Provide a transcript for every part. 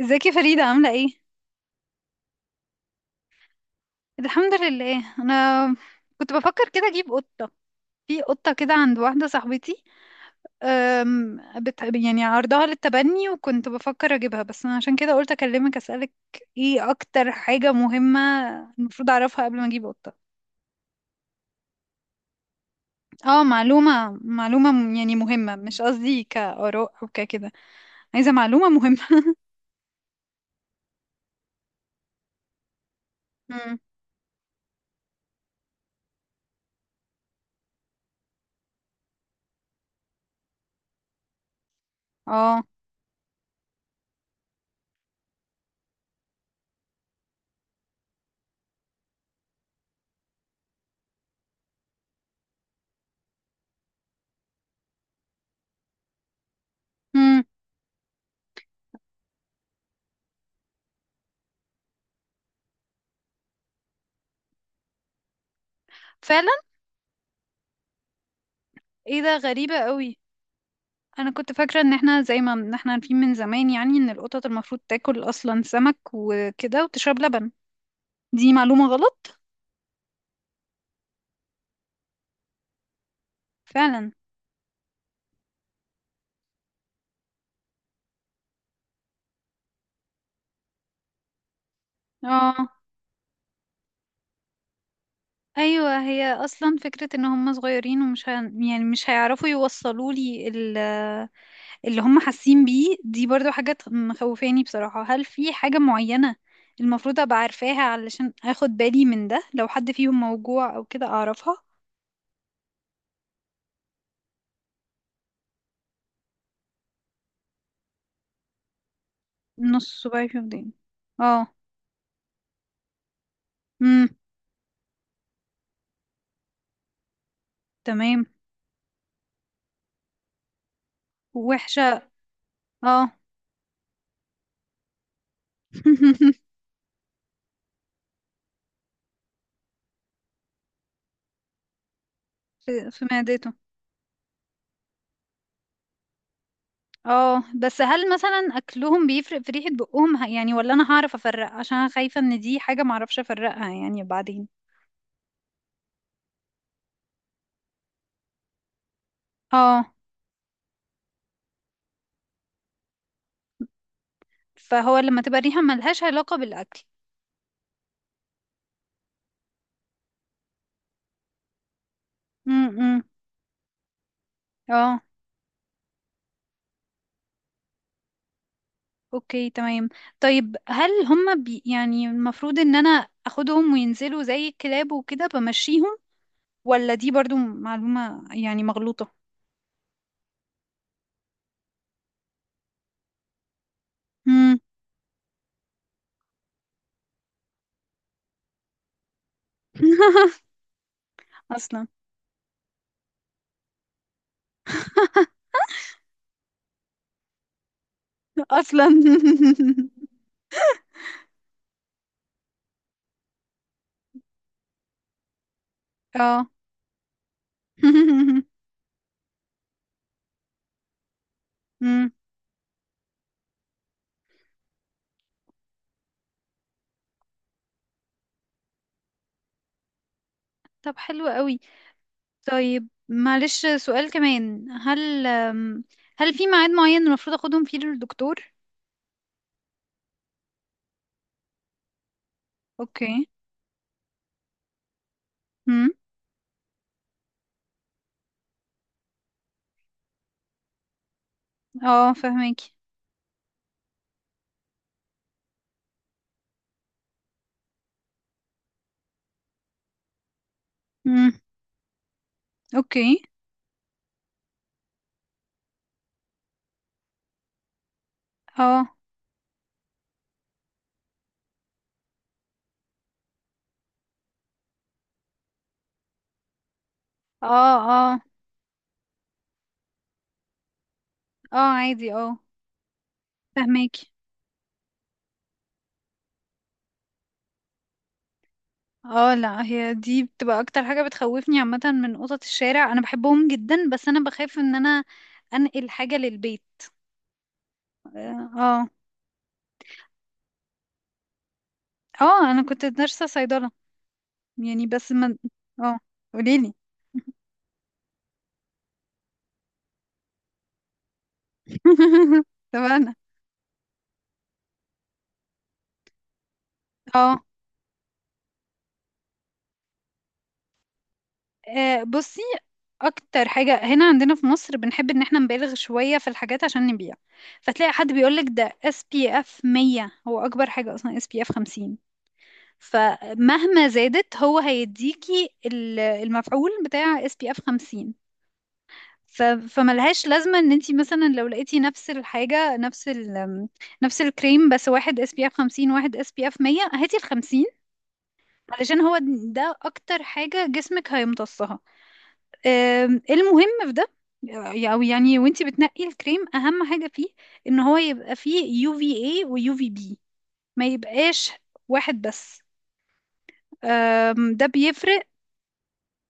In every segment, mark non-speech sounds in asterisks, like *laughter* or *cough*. ازيك يا فريدة عاملة ايه؟ الحمد لله انا كنت بفكر كده اجيب قطة. في قطة كده عند واحدة صاحبتي. أم، بت... يعني عرضها للتبني وكنت بفكر اجيبها، بس انا عشان كده قلت اكلمك اسألك ايه اكتر حاجة مهمة المفروض اعرفها قبل ما اجيب قطة. اه، معلومة معلومة م- يعني مهمة، مش قصدي كآراء او ككده. عايزة معلومة مهمة. *laughs* مم. اه. مم. فعلا. ايه ده، غريبة قوي. انا كنت فاكره ان احنا زي ما إن احنا عارفين من زمان يعني ان القطط المفروض تاكل اصلا سمك وكده وتشرب لبن. دي معلومه غلط. فعلا. اه. ايوه، هي اصلا فكره ان هم صغيرين ومش ه... يعني مش هيعرفوا يوصلوا اللي هم حاسين بيه، دي برضو مخوفاني بصراحه. هل في حاجه معينه المفروض ابقى عارفاها علشان اخد بالي من ده، لو حد فيهم موجوع او كده اعرفها؟ نص صباعي في وداني؟ اه. امم. تمام. وحشه. اه. *laughs* في معدته. اه بس هل مثلا اكلهم بيفرق في ريحة بقهم ولا انا هعرف افرق؟ عشان انا خايفة ان دي حاجة معرفش افرقها يعني بعدين. اه. فهو لما تبقى ريحة ملهاش علاقة بالاكل. امم. اه. اوكي. تمام. طيب هل هما بي يعني المفروض ان انا اخدهم وينزلوا زي الكلاب وكده بمشيهم، ولا دي برضو معلومة يعني مغلوطة؟ امم. *laughs* اصلا. اصلا. *laughs* اه. *laughs* مم. طب حلو قوي. طيب معلش سؤال كمان، هل هل في ميعاد معين المفروض اخدهم فيه للدكتور؟ اوكي. امم. اه فهماكي. امم. اوكي. اه. اه. اه. اه عادي، اه. فهماكي. اه لا، هي دي بتبقى اكتر حاجة بتخوفني عامة من قطط الشارع. انا بحبهم جدا بس انا بخاف ان انا انقل حاجة للبيت. اه. اه انا كنت نرسة صيدلة يعني، بس ما. اه. قوليلي. *laughs* تمام. اه. بصي، اكتر حاجة هنا عندنا في مصر بنحب ان احنا نبالغ شوية في الحاجات عشان نبيع. فتلاقي حد بيقولك ده اس بي اف 100، هو اكبر حاجة اصلا اس بي اف 50. فمهما زادت هو هيديكي ال- المفعول بتاع اس بي اف 50. فملهاش لازمة ان انتي مثلا لو لقيتي نفس الحاجة، نفس الكريم بس واحد اس بي اف 50 واحد اس بي اف 100، هاتي ال 50. علشان هو ده اكتر حاجة جسمك هيمتصها. المهم في ده. او يعني وانتي بتنقي الكريم اهم حاجة فيه ان هو يبقى فيه يو في اي ويو في بي، ما يبقاش واحد بس. ده بيفرق.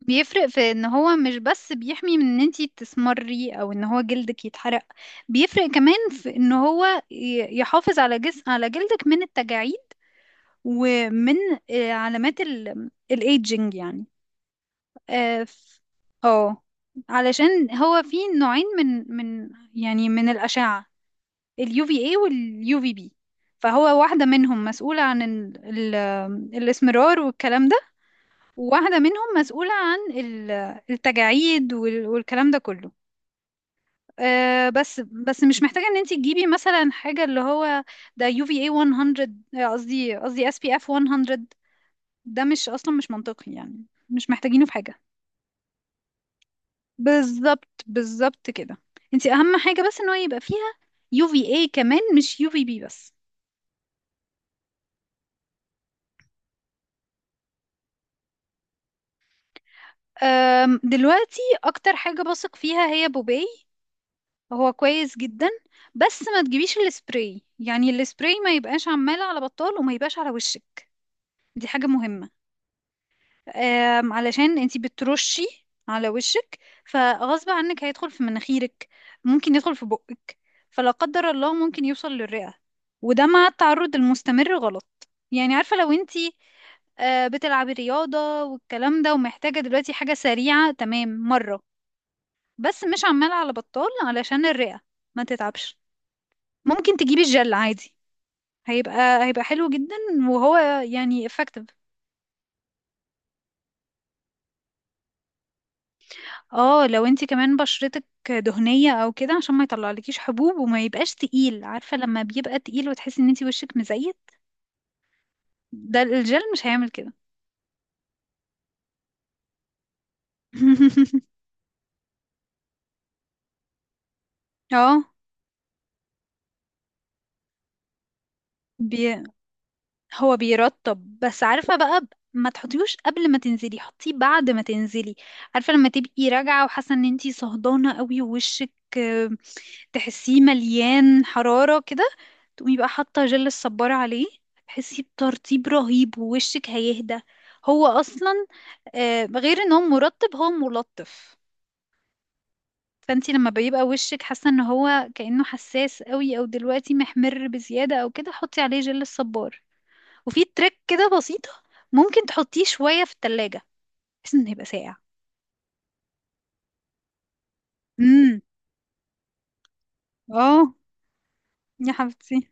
بيفرق في ان هو مش بس بيحمي من ان انتي تسمري او ان هو جلدك يتحرق، بيفرق كمان في ان هو يحافظ على جسم على جلدك من التجاعيد ومن علامات الايدجنج يعني. اه آه. علشان هو في نوعين من من الأشعة، اليو في اي واليو في بي. فهو واحدة منهم مسؤولة عن ال الإسمرار والكلام ده، وواحدة منهم مسؤولة عن ال- التجاعيد وال- والكلام ده كله. بس مش محتاجة ان انت تجيبي مثلا حاجة اللي هو ده يو في اي 100، قصدي اس بي اف 100. ده مش اصلا مش منطقي، يعني مش محتاجينه في حاجة. بالظبط، بالظبط كده. انت اهم حاجه بس ان هو يبقى فيها يو في اي كمان، مش يو في بي بس. دلوقتي اكتر حاجه بثق فيها هي بوباي. هو كويس جدا. بس ما تجيبيش السبراي، يعني السبراي ما يبقاش عمال على بطال وما يبقاش على وشك. دي حاجه مهمه. علشان انتي بترشي على وشك، فغصب عنك هيدخل في مناخيرك، ممكن يدخل في بقك، فلا قدر الله ممكن يوصل للرئة. وده مع التعرض المستمر غلط يعني. عارفة لو انتي بتلعبي رياضة والكلام ده ومحتاجة دلوقتي حاجة سريعة، تمام مرة، بس مش عمالة على بطال علشان الرئة ما تتعبش. ممكن تجيبي الجل عادي، هيبقى حلو جدا وهو يعني effective. اه لو انتي كمان بشرتك دهنية او كده، عشان ما يطلعلكيش حبوب وما يبقاش تقيل، عارفة لما بيبقى تقيل وتحسي ان انتي وشك مزيت، ده الجل مش هيعمل كده. *laughs* اه. بي... هو بيرطب بس، عارفة بقى ما تحطيهوش قبل ما تنزلي، حطيه بعد ما تنزلي. عارفة لما تبقي راجعة وحاسة ان انتي صهدانة قوي ووشك، آه، تحسيه مليان حرارة كده، تقومي بقى حاطة جل الصبارة عليه، تحسي بترطيب رهيب ووشك هيهدى. هو اصلا غير ان هو مرطب هو ملطف. فانتي لما بيبقى وشك حاسة ان هو كأنه حساس قوي او دلوقتي محمر بزيادة او كده، حطي عليه جل الصبار. وفي تريك كده بسيطة، ممكن تحطيه شوية في التلاجة بحيث انه يبقى ساقع. امم. اه. يا حبيبتي.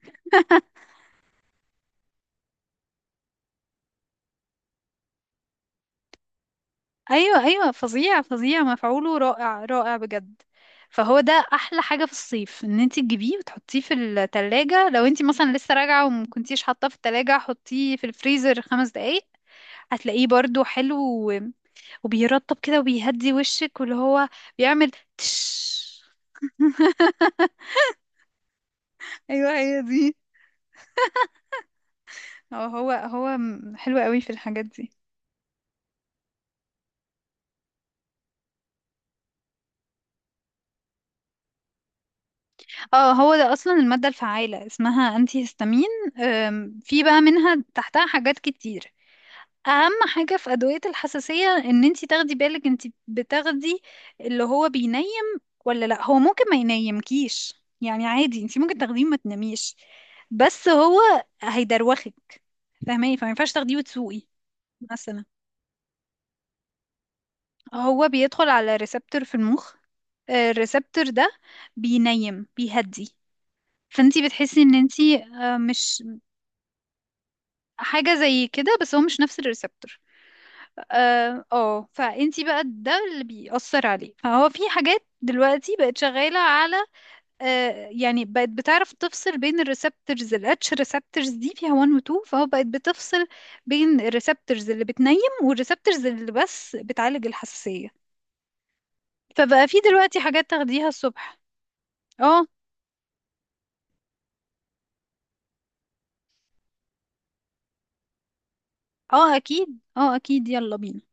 ايوه، ايوه، فظيع فظيع، مفعوله رائع رائع بجد. فهو ده احلى حاجة في الصيف ان انتي تجيبيه وتحطيه في التلاجة. لو انتي مثلا لسه راجعة وما كنتيش حاطاه في التلاجة، حطيه في الفريزر خمس دقايق، هتلاقيه برضو حلو. و... وبيرطب كده وبيهدي وشك، واللي هو بيعمل تش. ايوه هي دي. هو حلو قوي في الحاجات دي. اه هو ده اصلا المادة الفعالة اسمها انتي هيستامين. في بقى منها تحتها حاجات كتير. اهم حاجة في ادوية الحساسية ان انتي تاخدي بالك انتي بتاخدي اللي هو بينيم ولا لا، هو ممكن ما ينيمكيش. يعني عادي انتي ممكن تاخديه ما تناميش، بس هو هيدروخك، فاهماني؟ فما ينفعش تاخديه وتسوقي. مثلا هو بيدخل على ريسبتور في المخ، الريسبتور ده بينيم بيهدي، فانتي بتحسي ان انتي مش حاجة زي كده، بس هو مش نفس الريسبتور. اه. فانتي بقى ده اللي بيأثر عليه. فهو في حاجات دلوقتي بقت شغالة على آه، يعني بقت بتعرف تفصل بين الريسبتورز. الاتش ريسبتورز دي فيها 1 و 2، فهو بقت بتفصل بين الريسبتورز اللي بتنيم والريسبتورز اللي بس بتعالج الحساسية. فبقى في دلوقتي حاجات تاخديها الصبح. اه. اه اكيد، اه اكيد، يلا بينا.